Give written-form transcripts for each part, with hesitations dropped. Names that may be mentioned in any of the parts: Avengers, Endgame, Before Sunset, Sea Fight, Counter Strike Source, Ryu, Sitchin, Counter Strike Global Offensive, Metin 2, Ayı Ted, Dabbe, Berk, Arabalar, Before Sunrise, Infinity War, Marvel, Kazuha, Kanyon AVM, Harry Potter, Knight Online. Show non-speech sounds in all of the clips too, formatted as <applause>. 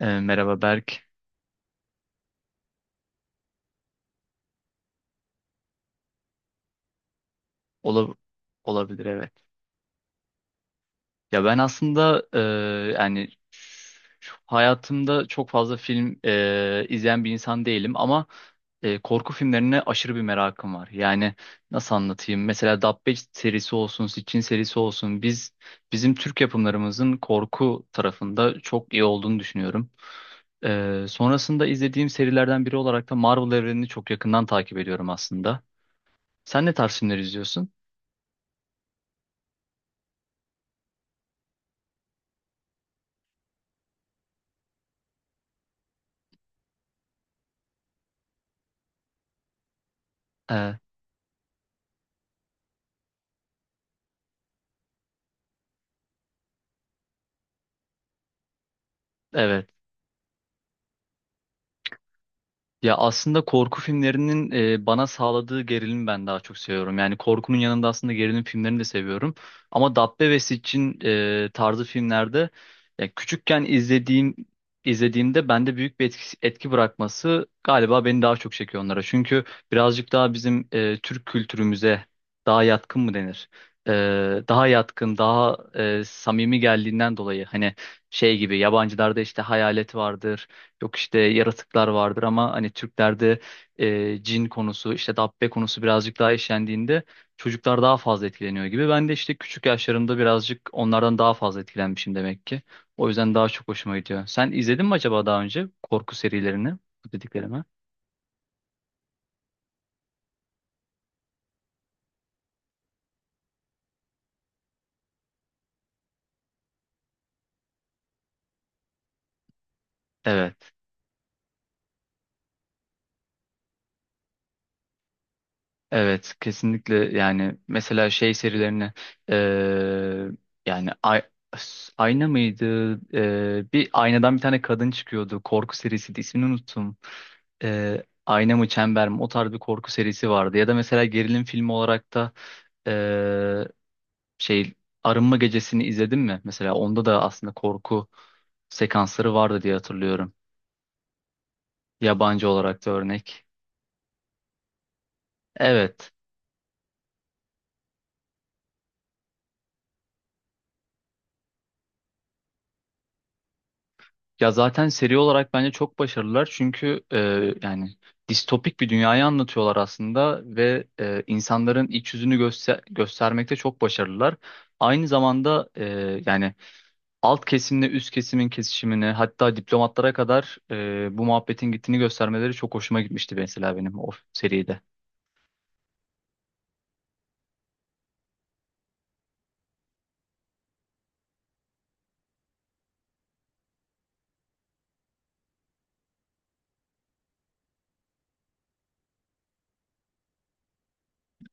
Merhaba Berk. Ola- Olabilir, evet. Ya ben aslında yani hayatımda çok fazla film izleyen bir insan değilim, ama korku filmlerine aşırı bir merakım var. Yani nasıl anlatayım? Mesela Dabbe serisi olsun, Sitchin serisi olsun. Bizim Türk yapımlarımızın korku tarafında çok iyi olduğunu düşünüyorum. Sonrasında izlediğim serilerden biri olarak da Marvel evrenini çok yakından takip ediyorum aslında. Sen ne tarz filmler izliyorsun? E, evet. Ya aslında korku filmlerinin bana sağladığı gerilimi ben daha çok seviyorum. Yani korkunun yanında aslında gerilim filmlerini de seviyorum. Ama Dabbe ve Siccin tarzı filmlerde, ya küçükken izlediğimde bende büyük bir etki bırakması galiba beni daha çok çekiyor onlara. Çünkü birazcık daha bizim Türk kültürümüze daha yatkın mı denir? E, Daha yatkın, daha samimi geldiğinden dolayı, hani şey gibi, yabancılarda işte hayalet vardır, yok işte yaratıklar vardır, ama hani Türklerde cin konusu, işte dabbe konusu birazcık daha işlendiğinde çocuklar daha fazla etkileniyor gibi. Ben de işte küçük yaşlarımda birazcık onlardan daha fazla etkilenmişim demek ki. O yüzden daha çok hoşuma gidiyor. Sen izledin mi acaba daha önce korku serilerini? Bu dediklerime. Evet, kesinlikle. Yani mesela şey serilerini, eee, yani ayna mıydı? Bir aynadan bir tane kadın çıkıyordu, korku serisiydi, ismini unuttum. Ayna mı, çember mi, o tarz bir korku serisi vardı. Ya da mesela gerilim filmi olarak da eee, şey, Arınma Gecesi'ni izledin mi? Mesela onda da aslında korku sekansları vardı diye hatırlıyorum, yabancı olarak da örnek. Evet. Ya zaten seri olarak bence çok başarılılar, çünkü yani distopik bir dünyayı anlatıyorlar aslında ve insanların iç yüzünü göstermekte çok başarılılar. Aynı zamanda yani alt kesimle üst kesimin kesişimini, hatta diplomatlara kadar bu muhabbetin gittiğini göstermeleri çok hoşuma gitmişti, mesela benim o seride.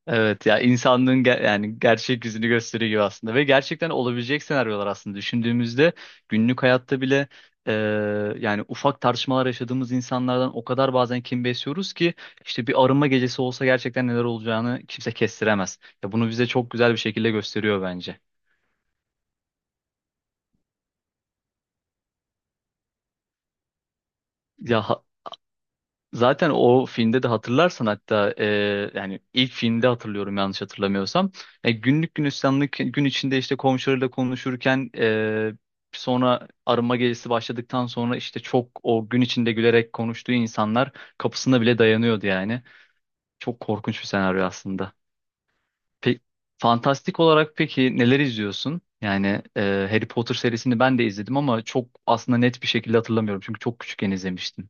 Evet, ya insanlığın yani gerçek yüzünü gösteriyor gibi aslında ve gerçekten olabilecek senaryolar aslında, düşündüğümüzde günlük hayatta bile e, yani ufak tartışmalar yaşadığımız insanlardan o kadar bazen kin besliyoruz ki, işte bir arınma gecesi olsa gerçekten neler olacağını kimse kestiremez. Ya bunu bize çok güzel bir şekilde gösteriyor bence. Ya, zaten o filmde de hatırlarsan hatta, yani ilk filmde hatırlıyorum, yanlış hatırlamıyorsam. Günlük günistanlık gün içinde işte komşularıyla konuşurken, sonra arınma gecesi başladıktan sonra işte çok, o gün içinde gülerek konuştuğu insanlar kapısına bile dayanıyordu yani. Çok korkunç bir senaryo aslında. Pe Fantastik olarak peki neler izliyorsun? Yani Harry Potter serisini ben de izledim ama çok aslında net bir şekilde hatırlamıyorum, çünkü çok küçükken izlemiştim.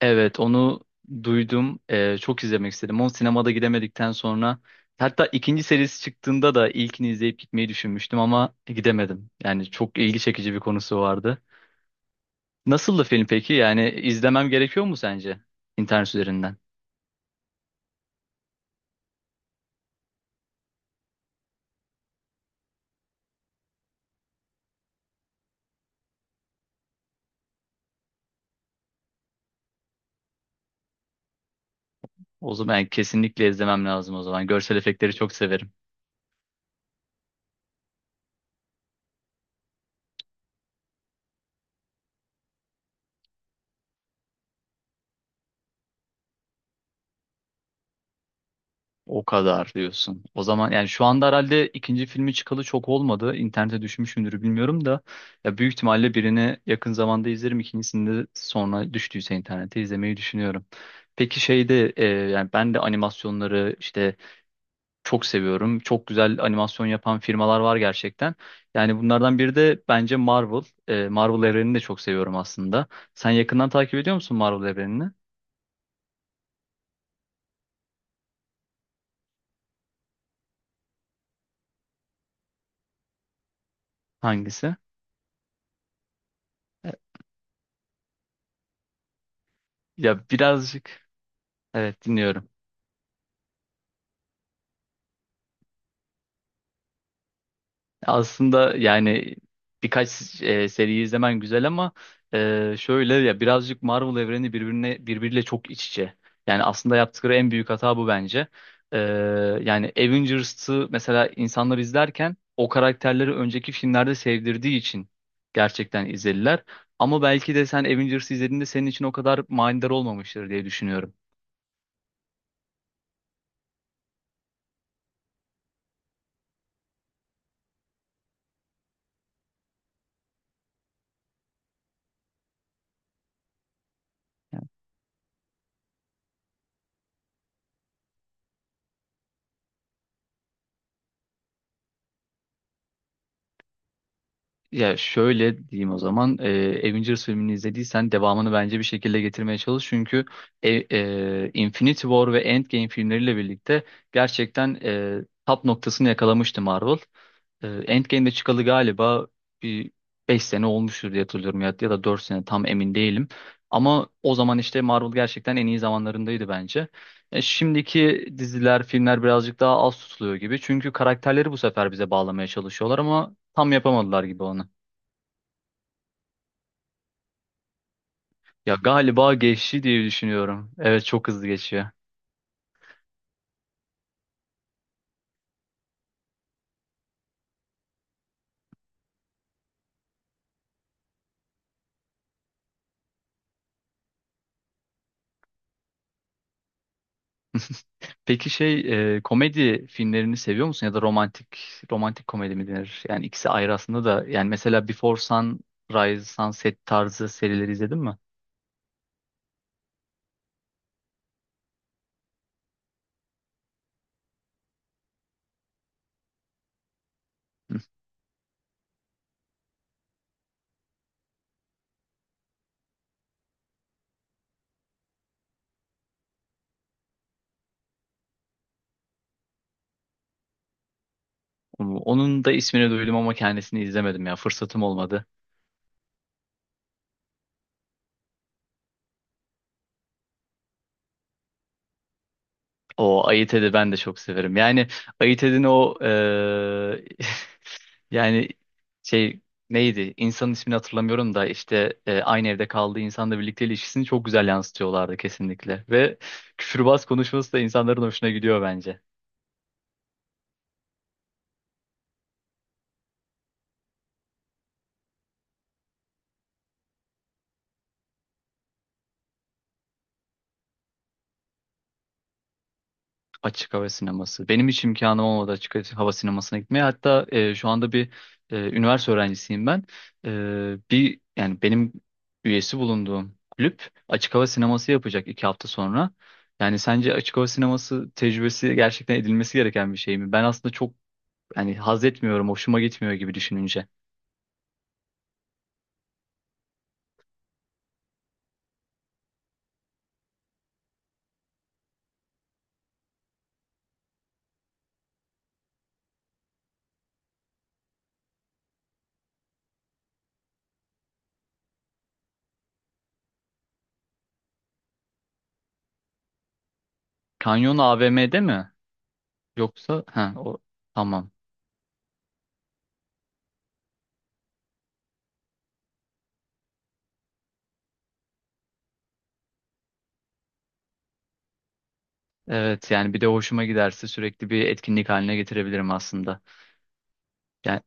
Evet, onu duydum. Çok izlemek istedim. Onu sinemada gidemedikten sonra, hatta ikinci serisi çıktığında da ilkini izleyip gitmeyi düşünmüştüm ama gidemedim. Yani çok ilgi çekici bir konusu vardı. Nasıldı film peki? Yani izlemem gerekiyor mu sence internet üzerinden? O zaman yani kesinlikle izlemem lazım o zaman. Görsel efektleri çok severim. O kadar diyorsun. O zaman yani şu anda herhalde ikinci filmi çıkalı çok olmadı. İnternete düşmüş müdür bilmiyorum da, ya büyük ihtimalle birini yakın zamanda izlerim. İkincisini de sonra düştüyse internete izlemeyi düşünüyorum. Peki şeyde, yani ben de animasyonları işte çok seviyorum. Çok güzel animasyon yapan firmalar var gerçekten. Yani bunlardan biri de bence Marvel. Marvel evrenini de çok seviyorum aslında. Sen yakından takip ediyor musun Marvel evrenini? Hangisi? E, Ya, birazcık, evet, dinliyorum. Aslında yani birkaç seri izlemen güzel ama şöyle, ya birazcık Marvel evreni birbirine birbiriyle çok iç içe. Yani aslında yaptıkları en büyük hata bu bence. E, Yani Avengers'ı mesela insanlar izlerken, o karakterleri önceki filmlerde sevdirdiği için gerçekten izlediler. Ama belki de sen Avengers'ı izlediğinde senin için o kadar manidar olmamıştır diye düşünüyorum. Ya şöyle diyeyim o zaman, Avengers filmini izlediysen devamını bence bir şekilde getirmeye çalış. Çünkü e, Infinity War ve Endgame filmleriyle birlikte gerçekten top noktasını yakalamıştı Marvel. Endgame'de çıkalı galiba bir 5 sene olmuştur diye hatırlıyorum, ya, ya da 4 sene, tam emin değilim. Ama o zaman işte Marvel gerçekten en iyi zamanlarındaydı bence. Şimdiki diziler, filmler birazcık daha az tutuluyor gibi. Çünkü karakterleri bu sefer bize bağlamaya çalışıyorlar ama tam yapamadılar gibi onu. Ya galiba geçti diye düşünüyorum. Evet, çok hızlı geçiyor. <laughs> Peki komedi filmlerini seviyor musun, ya da romantik komedi mi denir? Yani ikisi ayrı aslında da, yani mesela Before Sunrise, Sunset tarzı serileri izledin mi? Hı. Onun da ismini duydum ama kendisini izlemedim, ya fırsatım olmadı. O Ayı Ted'i ben de çok severim. Yani Ayı Ted'in o <laughs> yani şey neydi? İnsanın ismini hatırlamıyorum da işte, aynı evde kaldığı insanla birlikte ilişkisini çok güzel yansıtıyorlardı kesinlikle. Ve küfürbaz konuşması da insanların hoşuna gidiyor bence. Açık hava sineması. Benim hiç imkanım olmadı açık hava sinemasına gitmeye. Hatta, şu anda bir üniversite öğrencisiyim ben. E, Bir, yani benim üyesi bulunduğum kulüp açık hava sineması yapacak 2 hafta sonra. Yani sence açık hava sineması tecrübesi gerçekten edilmesi gereken bir şey mi? Ben aslında çok, yani haz etmiyorum, hoşuma gitmiyor gibi, düşününce. Kanyon AVM'de mi? Yoksa ha o, tamam. Evet, yani bir de hoşuma giderse sürekli bir etkinlik haline getirebilirim aslında. Yani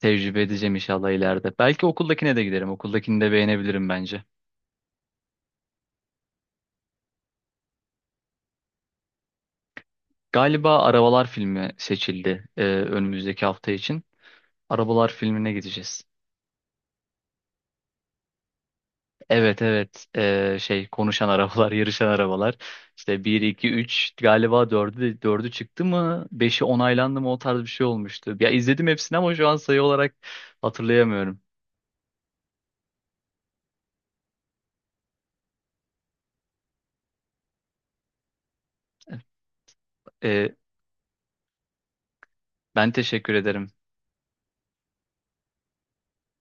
tecrübe edeceğim inşallah ileride. Belki okuldakine de giderim. Okuldakini de beğenebilirim bence. Galiba Arabalar filmi seçildi, önümüzdeki hafta için. Arabalar filmine gideceğiz. Evet, evet. Konuşan arabalar, <laughs> yarışan arabalar. İşte bir, iki, üç, galiba dördü çıktı mı, beşi onaylandı mı, o tarz bir şey olmuştu. Ya izledim hepsini ama şu an sayı olarak hatırlayamıyorum. E, Ben teşekkür ederim.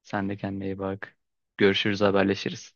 Sen de kendine iyi bak. Görüşürüz, haberleşiriz.